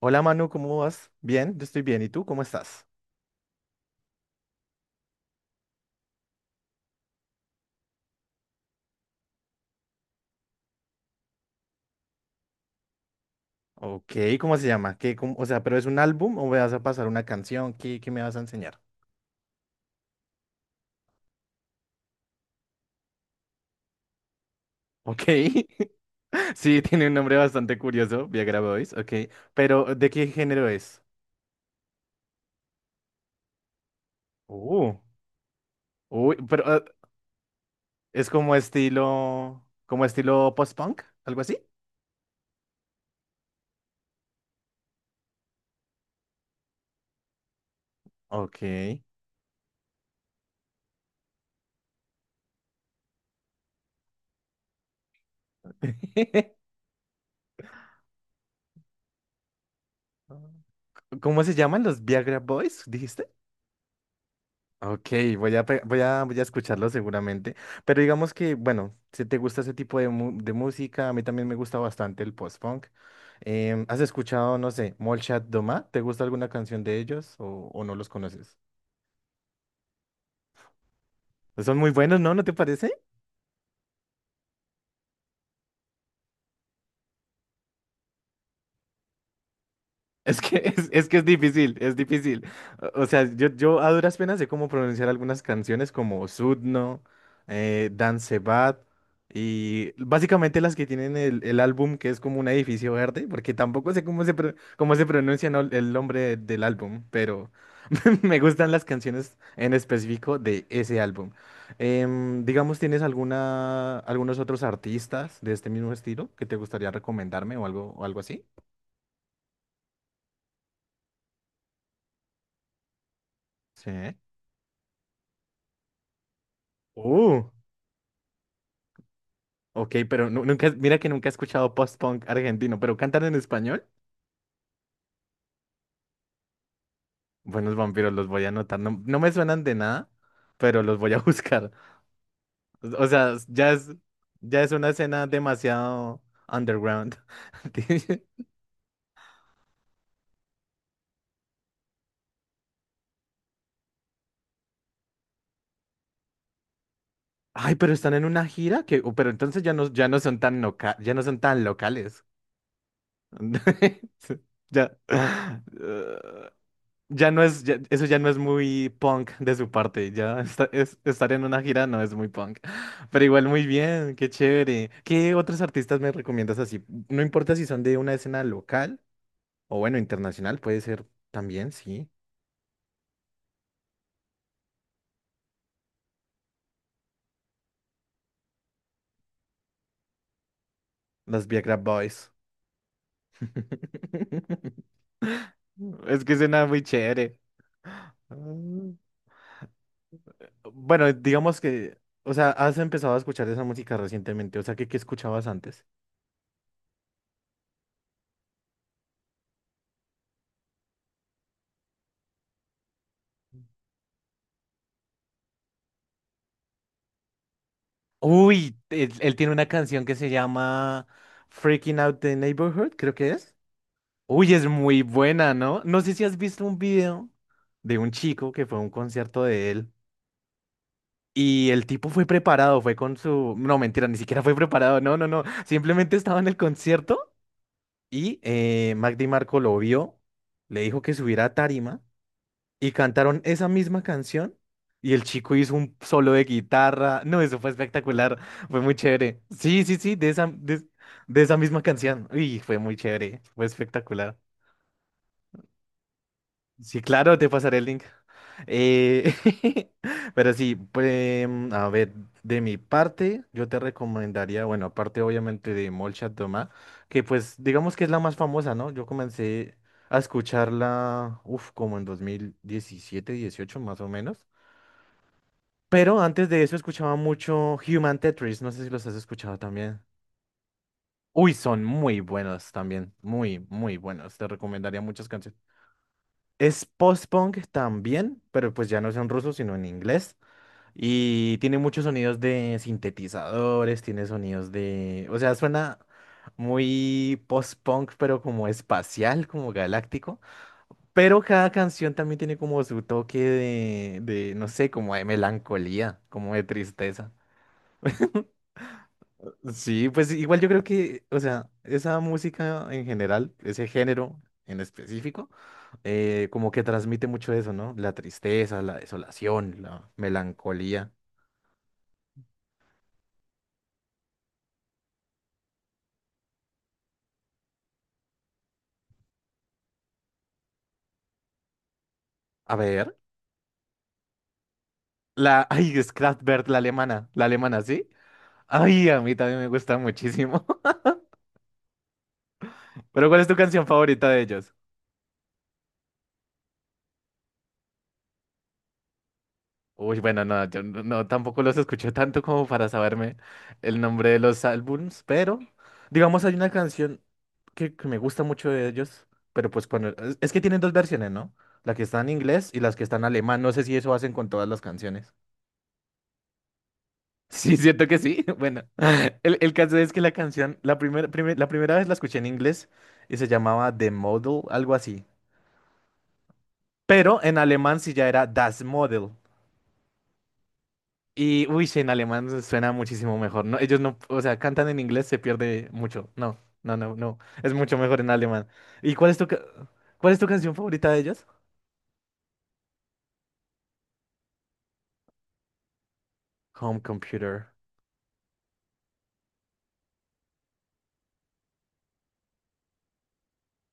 Hola Manu, ¿cómo vas? Bien, yo estoy bien. ¿Y tú cómo estás? Ok, ¿cómo se llama? O sea, ¿pero es un álbum o me vas a pasar una canción? ¿Qué me vas a enseñar? Ok, sí, tiene un nombre bastante curioso, Viagra Boys, ok. Pero, ¿de qué género es? Uh, uy, pero es como estilo, post-punk, algo así. Ok. ¿Cómo se llaman los Viagra Boys, dijiste? Ok, voy a, pe- voy a, voy a escucharlo seguramente. Pero digamos que, bueno, si te gusta ese tipo de música, a mí también me gusta bastante el post-punk. ¿Has escuchado, no sé, Molchat Doma? ¿Te gusta alguna canción de ellos o no los conoces? Son muy buenos, ¿no? ¿No te parece? Es que es que es difícil, es difícil. O sea, yo a duras penas sé cómo pronunciar algunas canciones como Sudno, Dan Sebat, y básicamente las que tienen el álbum que es como un edificio verde, porque tampoco sé cómo se pronuncia el nombre del álbum, pero me gustan las canciones en específico de ese álbum. Digamos, ¿tienes alguna, algunos otros artistas de este mismo estilo que te gustaría recomendarme o algo así? Sí. Uh. Ok, pero nunca, mira que nunca he escuchado post-punk argentino, pero ¿cantan en español? Buenos vampiros, los voy a anotar. No, no me suenan de nada, pero los voy a buscar. O sea, ya es una escena demasiado underground. Ti- Ay, pero están en una gira que, oh, pero entonces ya no son tan locales. Ya. Ya no es, ya- eso ya no es muy punk de su parte, estar en una gira no es muy punk, pero igual muy bien, qué chévere. ¿Qué otros artistas me recomiendas así? No importa si son de una escena local o bueno, internacional, puede ser también, sí. Los Viagra Boys. Es que suena muy chévere. Ah. Bueno, digamos que, o sea, has empezado a escuchar esa música recientemente, o sea, ¿qué escuchabas antes? Uy, él tiene una canción que se llama Freaking Out the Neighborhood, creo que es. Uy, es muy buena, ¿no? No sé si has visto un video de un chico que fue a un concierto de él y el tipo fue preparado, fue con su... No, mentira, ni siquiera fue preparado, no, no, no. Simplemente estaba en el concierto y Mac DiMarco lo vio, le dijo que subiera a tarima y cantaron esa misma canción y el chico hizo un solo de guitarra. No, eso fue espectacular, fue muy chévere. Sí, sí, sí, de esa misma canción. Uy, fue muy chévere, fue espectacular. Sí, claro, te pasaré el link. Eh, pero sí, pues, a ver, de mi parte, yo te recomendaría, bueno, aparte obviamente de Molchat Doma, que pues digamos que es la más famosa, ¿no? Yo comencé a escucharla, uff, como en 2017, 2018 más o menos. Pero antes de eso escuchaba mucho Human Tetris, no sé si los has escuchado también. Uy, son muy buenos también, muy, muy buenos. Te recomendaría muchas canciones. Es post-punk también, pero pues ya no es en ruso, sino en inglés. Y tiene muchos sonidos de sintetizadores, tiene sonidos de... O sea, suena muy post-punk, pero como espacial, como galáctico. Pero cada canción también tiene como su toque de, no sé, como de melancolía, como de tristeza. Sí, pues igual yo creo que, o sea, esa música en general, ese género en específico, como que transmite mucho eso, ¿no? La tristeza, la desolación, la melancolía. A ver, ay, es Kraftwerk, la alemana, ¿sí? Ay, a mí también me gusta muchísimo. Pero ¿cuál es tu canción favorita de ellos? Uy, bueno, no, yo no, no, tampoco los escuché tanto como para saberme el nombre de los álbums, pero digamos hay una canción que me gusta mucho de ellos, pero pues es que tienen dos versiones, ¿no? La que está en inglés y las que están en alemán, no sé si eso hacen con todas las canciones. Sí, siento que sí. Bueno, el caso es que la canción, la primera vez la escuché en inglés y se llamaba The Model, algo así. Pero en alemán sí ya era Das Model. Y, uy, sí, en alemán suena muchísimo mejor. No, ellos no, o sea, cantan en inglés, se pierde mucho. No, no, no, no. Es mucho mejor en alemán. ¿Y cuál es tu canción favorita de ellos? Home Computer.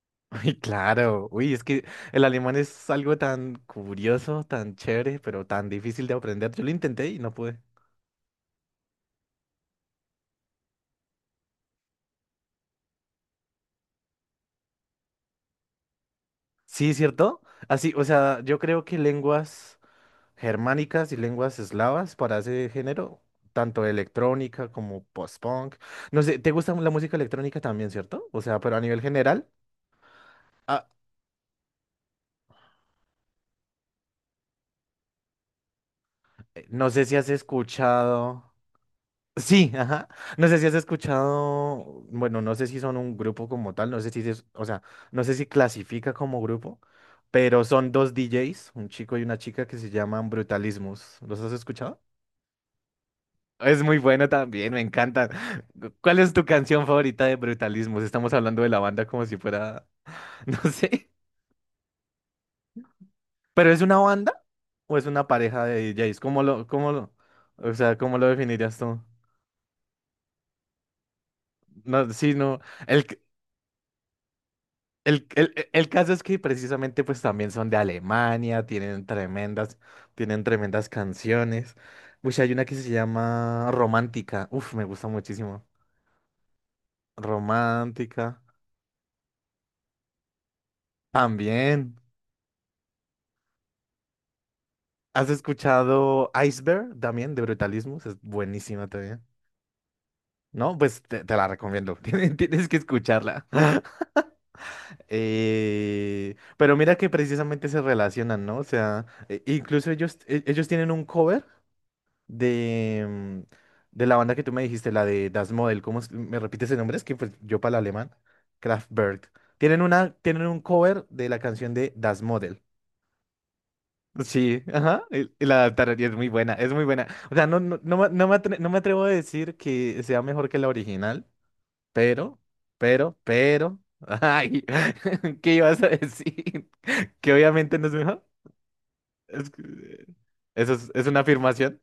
Uy, claro. Uy, es que el alemán es algo tan curioso, tan chévere, pero tan difícil de aprender. Yo lo intenté y no pude. Sí, ¿cierto? Así, o sea, yo creo que lenguas germánicas y lenguas eslavas para ese género, tanto electrónica como post-punk. No sé, ¿te gusta la música electrónica también, cierto? O sea, pero a nivel general, ah, no sé si has escuchado... Sí, ajá. No sé si has escuchado, bueno, no sé si son un grupo como tal, no sé si es, o sea, no sé si clasifica como grupo, pero son dos DJs, un chico y una chica que se llaman Brutalismus. ¿Los has escuchado? Es muy bueno también, me encanta. ¿Cuál es tu canción favorita de Brutalismo? si estamos hablando de la banda como si fuera, no sé. ¿Pero es una banda o es una pareja de DJs? O sea, cómo lo definirías tú? No, sí, no. El, c- el caso es que precisamente pues también son de Alemania, tienen tremendas canciones. Uy, hay una que se llama Romántica. Uf, me gusta muchísimo. Romántica. También. ¿Has escuchado Iceberg también de Brutalismus? Es buenísima también. No, pues te la recomiendo. Tienes que escucharla. Pero mira que precisamente se relacionan, ¿no? O sea, incluso ellos, ellos tienen un cover de, mm, de la banda que tú me dijiste, la de Das Model. Me repites el nombre? Es que pues, yo para el alemán, Kraftwerk. Tienen un cover de la canción de Das Model. Sí, ajá, y la tararía es muy buena, es muy buena. O sea, no, no, no, no me atrevo a decir que sea mejor que la original, pero, pero, pero, ay, ¿qué ibas a decir? Que obviamente no es mejor. Es que- eso es,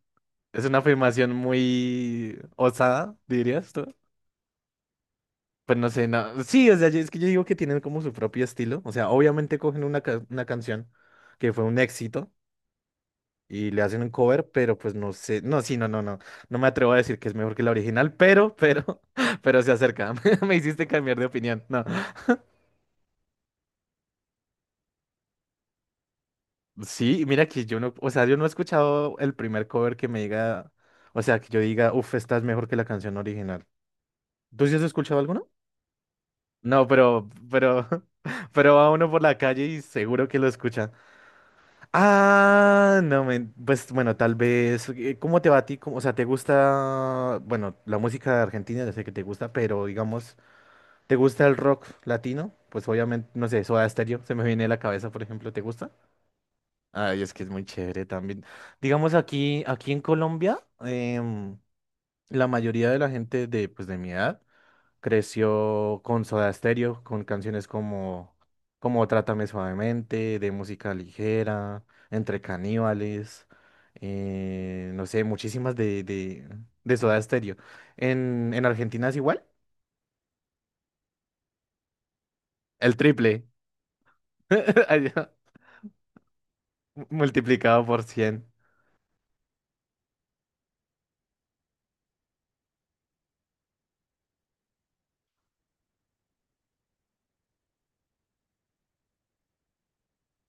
es una afirmación muy osada, dirías tú. Pues no sé, no. Sí, o sea, es que yo digo que tienen como su propio estilo. O sea, obviamente cogen una canción que fue un éxito y le hacen un cover, pero pues no sé, no, sí, no, no, no, no me atrevo a decir que es mejor que la original, pero, pero se acerca, me hiciste cambiar de opinión, no, sí, mira que yo no, o sea, yo no he escuchado el primer cover que me diga, o sea, que yo diga, uff, esta es mejor que la canción original, ¿tú sí has escuchado alguno? No, pero, pero va uno por la calle y seguro que lo escucha, Ah, no, pues bueno, tal vez. ¿Cómo te va a ti? O sea, ¿te gusta, bueno, la música de Argentina? Ya sé que te gusta, pero digamos, ¿te gusta el rock latino? Pues obviamente, no sé, Soda Stereo, se me viene a la cabeza, por ejemplo, ¿te gusta? Ay, es que es muy chévere también. Digamos, aquí en Colombia, la mayoría de la gente de, pues, de mi edad, creció con Soda Stereo, con canciones como, Trátame Suavemente, de música ligera, Entre Caníbales, no sé, muchísimas de Soda Stereo. En Argentina es igual, el triple, allá, multiplicado por 100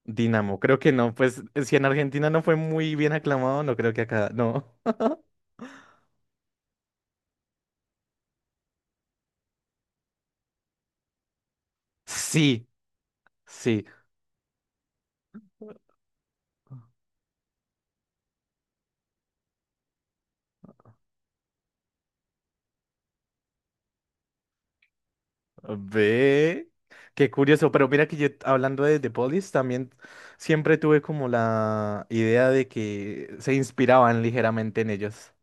Dynamo, creo que no, pues si en Argentina no fue muy bien aclamado, no creo que acá, no. Sí, sí. Ve, qué curioso, pero mira que yo hablando de The Police también siempre tuve como la idea de que se inspiraban ligeramente en ellos.